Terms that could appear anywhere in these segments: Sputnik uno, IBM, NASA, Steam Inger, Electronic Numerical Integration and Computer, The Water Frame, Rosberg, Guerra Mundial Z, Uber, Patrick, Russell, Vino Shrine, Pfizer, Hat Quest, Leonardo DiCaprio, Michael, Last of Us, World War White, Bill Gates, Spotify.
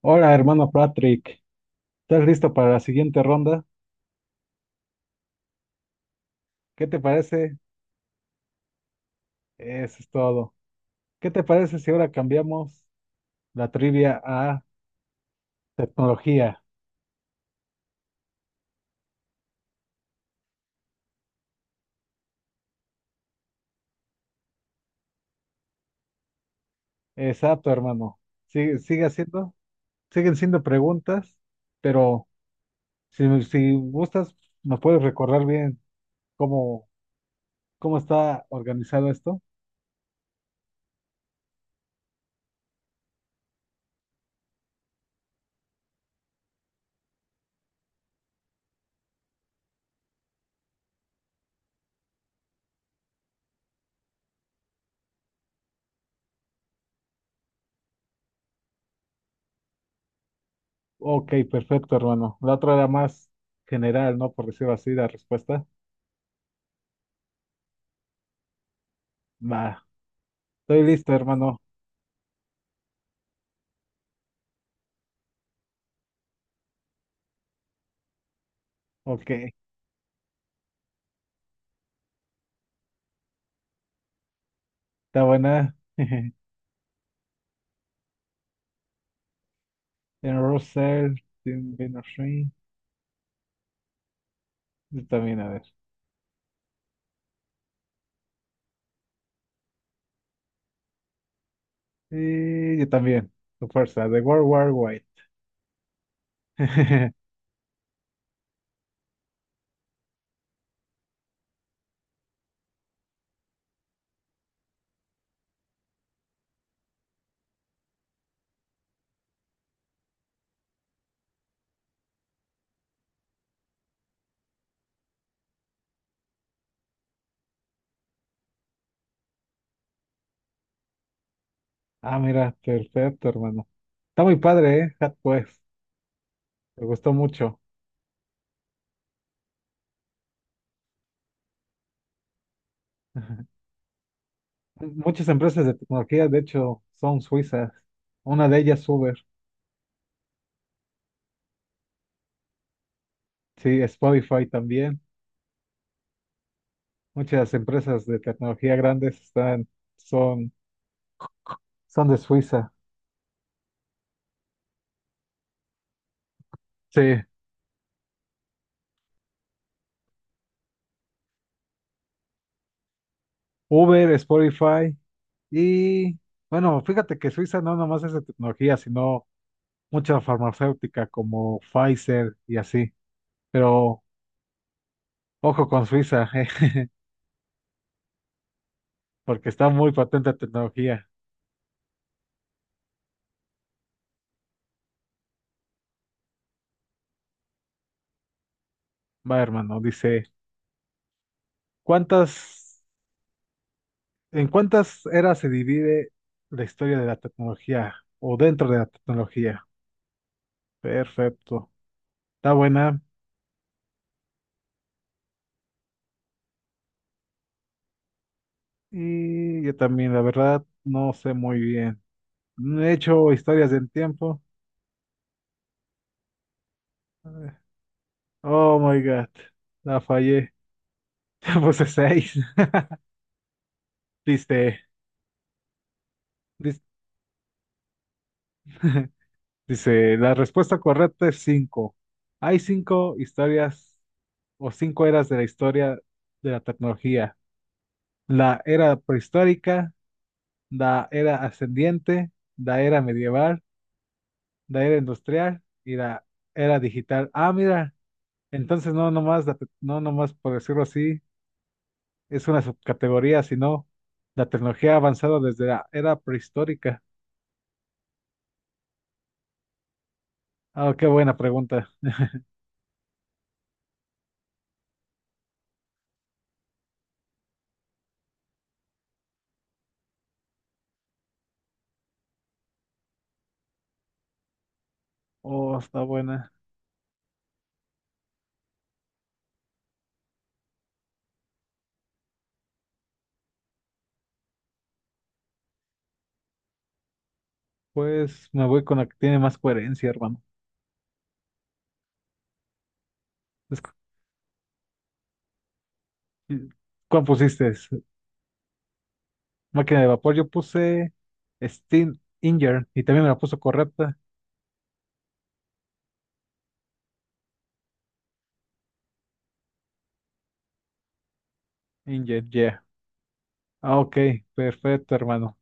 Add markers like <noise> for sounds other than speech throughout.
Hola, hermano Patrick. ¿Estás listo para la siguiente ronda? ¿Qué te parece? Eso es todo. ¿Qué te parece si ahora cambiamos la trivia a tecnología? Exacto, hermano. Sigue haciendo, siguen siendo preguntas, pero si gustas, ¿nos puedes recordar bien cómo, cómo está organizado esto? Ok, perfecto, hermano. La otra era más general, ¿no? Por decirlo así, la respuesta. Va, estoy listo, hermano. Ok, está buena. <laughs> Tiene Russell, tiene Vino Shrine. Yo también, a ver. Y yo también. Tu fuerza, de World War White. <laughs> Ah, mira, perfecto, hermano. Está muy padre, ¿eh? Hat Quest. Me gustó mucho. <laughs> Muchas empresas de tecnología, de hecho, son suizas. Una de ellas, Uber. Sí, Spotify también. Muchas empresas de tecnología grandes están, son, son de Suiza. Sí. Uber, Spotify y bueno, fíjate que Suiza no nomás es de tecnología, sino mucha farmacéutica como Pfizer y así. Pero ojo con Suiza, <laughs> porque está muy patente la tecnología. Va, hermano, dice, ¿cuántas, en cuántas eras se divide la historia de la tecnología o dentro de la tecnología? Perfecto. Está buena. Y yo también, la verdad, no sé muy bien. No he hecho historias del tiempo. eh, Oh my God, la fallé. <laughs> Ya puse seis. Dice, dis- <laughs> dice, la respuesta correcta es cinco. Hay cinco historias o cinco eras de la historia de la tecnología. La era prehistórica, la era ascendiente, la era medieval, la era industrial y la era digital. Ah, mira, entonces no nomás, no nomás por decirlo así, es una subcategoría, sino la tecnología ha avanzado desde la era prehistórica. Ah, qué buena pregunta. Oh, está buena. Pues me voy con la que tiene más coherencia, hermano. Es- ¿Cuál pusiste? Máquina de vapor. Yo puse Steam Inger y también me la puso correcta. Inger, yeah. Ah, ok, perfecto, hermano.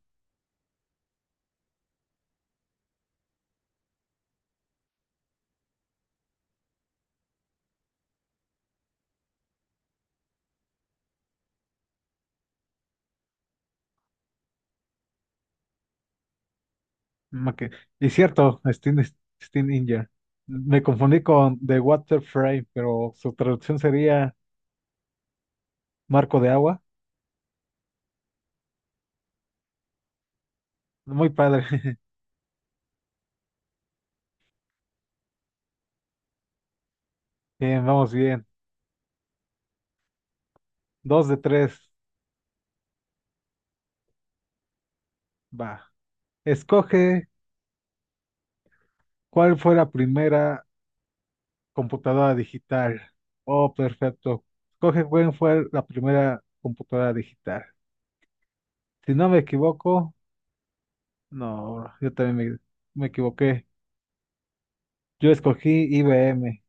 Maqui- Y cierto, Steam Inger. Me confundí con The Water Frame, pero su traducción sería marco de agua. Muy padre. <laughs> Bien, vamos bien. Dos de tres. Va. Escoge cuál fue la primera computadora digital. Oh, perfecto. Cogen fue la primera computadora digital. Si no me equivoco, no, yo también me equivoqué. Yo escogí IBM.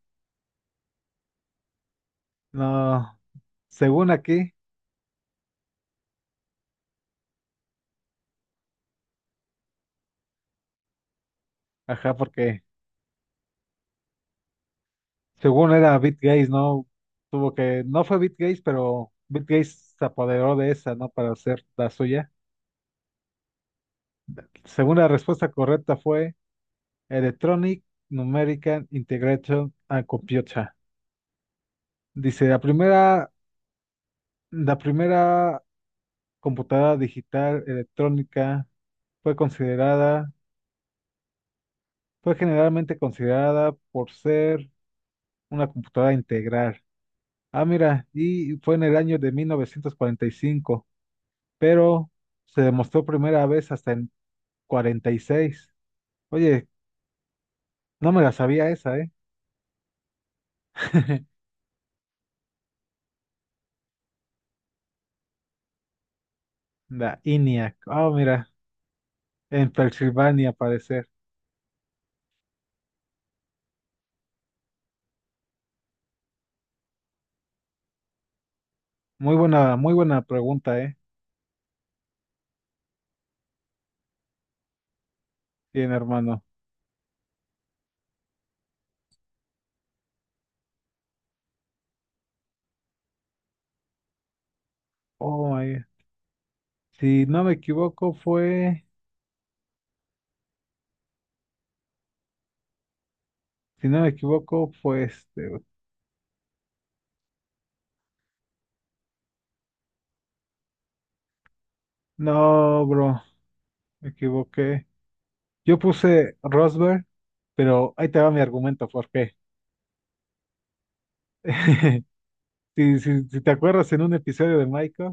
No, según aquí, ajá, porque según era Bill Gates, ¿no? Tuvo que, no fue Bill Gates, pero Bill Gates se apoderó de esa, ¿no? Para hacer la suya. Según la respuesta correcta fue Electronic Numerical Integration and Computer. Dice, La primera computadora digital electrónica fue considerada, fue generalmente considerada por ser una computadora integral. Ah, mira, y fue en el año de 1945, pero se demostró primera vez hasta en 46. Oye, no me la sabía esa, ¿eh? <laughs> La ENIAC. Ah, mira, en Pensilvania, parecer. Muy buena pregunta, ¿eh? Bien, hermano. Oh, my- Si no me equivoco, fue. Este. No, bro, me equivoqué. Yo puse Rosberg, pero ahí te va mi argumento, ¿por qué? <laughs> Si te acuerdas, en un episodio de Michael,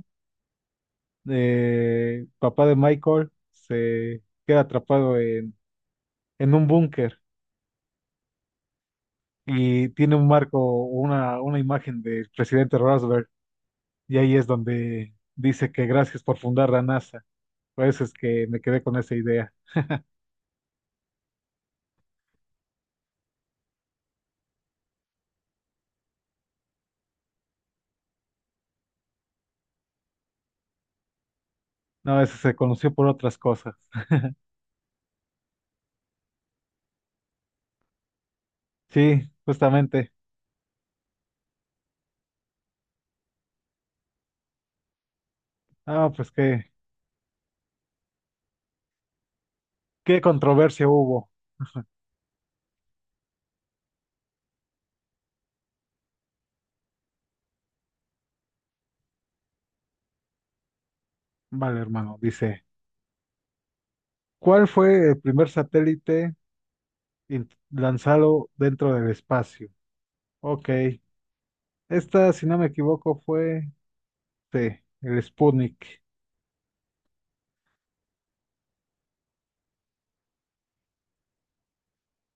papá de Michael se queda atrapado en un búnker y tiene un marco, una imagen del presidente Rosberg, y ahí es donde dice que gracias por fundar la NASA. Por eso es que me quedé con esa idea. No, eso se conoció por otras cosas. Sí, justamente. Ah, pues qué controversia hubo. Vale, hermano, dice, ¿cuál fue el primer satélite lanzado dentro del espacio? Ok, esta, si no me equivoco, fue sí, el Sputnik.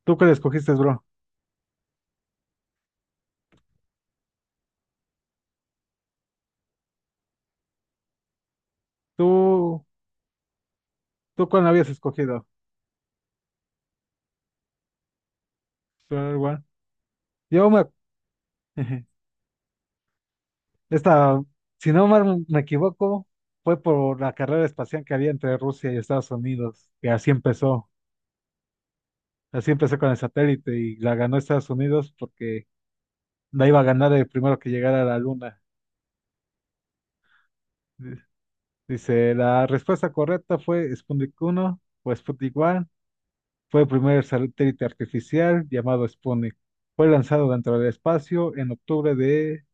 ¿Tú qué le escogiste, bro? ¿Tú, tú cuál habías escogido? Tú igual. Yo me... <laughs> Esta, si no mal me equivoco, fue por la carrera espacial que había entre Rusia y Estados Unidos, que así empezó. Así empezó con el satélite y la ganó Estados Unidos porque la iba a ganar el primero que llegara a la luna. Di- Dice, la respuesta correcta fue Sputnik 1 o Sputnik 1. Fue el primer satélite artificial llamado Sputnik. Fue lanzado dentro del espacio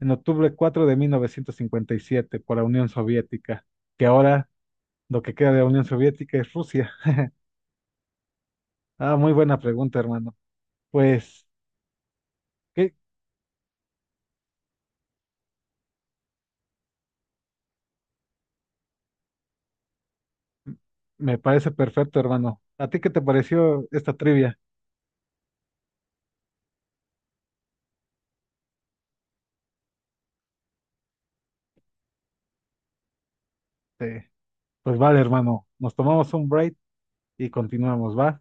en octubre 4 de 1957 por la Unión Soviética, que ahora lo que queda de la Unión Soviética es Rusia. Ah, muy buena pregunta, hermano. Pues, ¿qué? Me parece perfecto, hermano. ¿A ti qué te pareció esta trivia? Eh, pues vale, hermano. Nos tomamos un break, y continuamos, ¿va?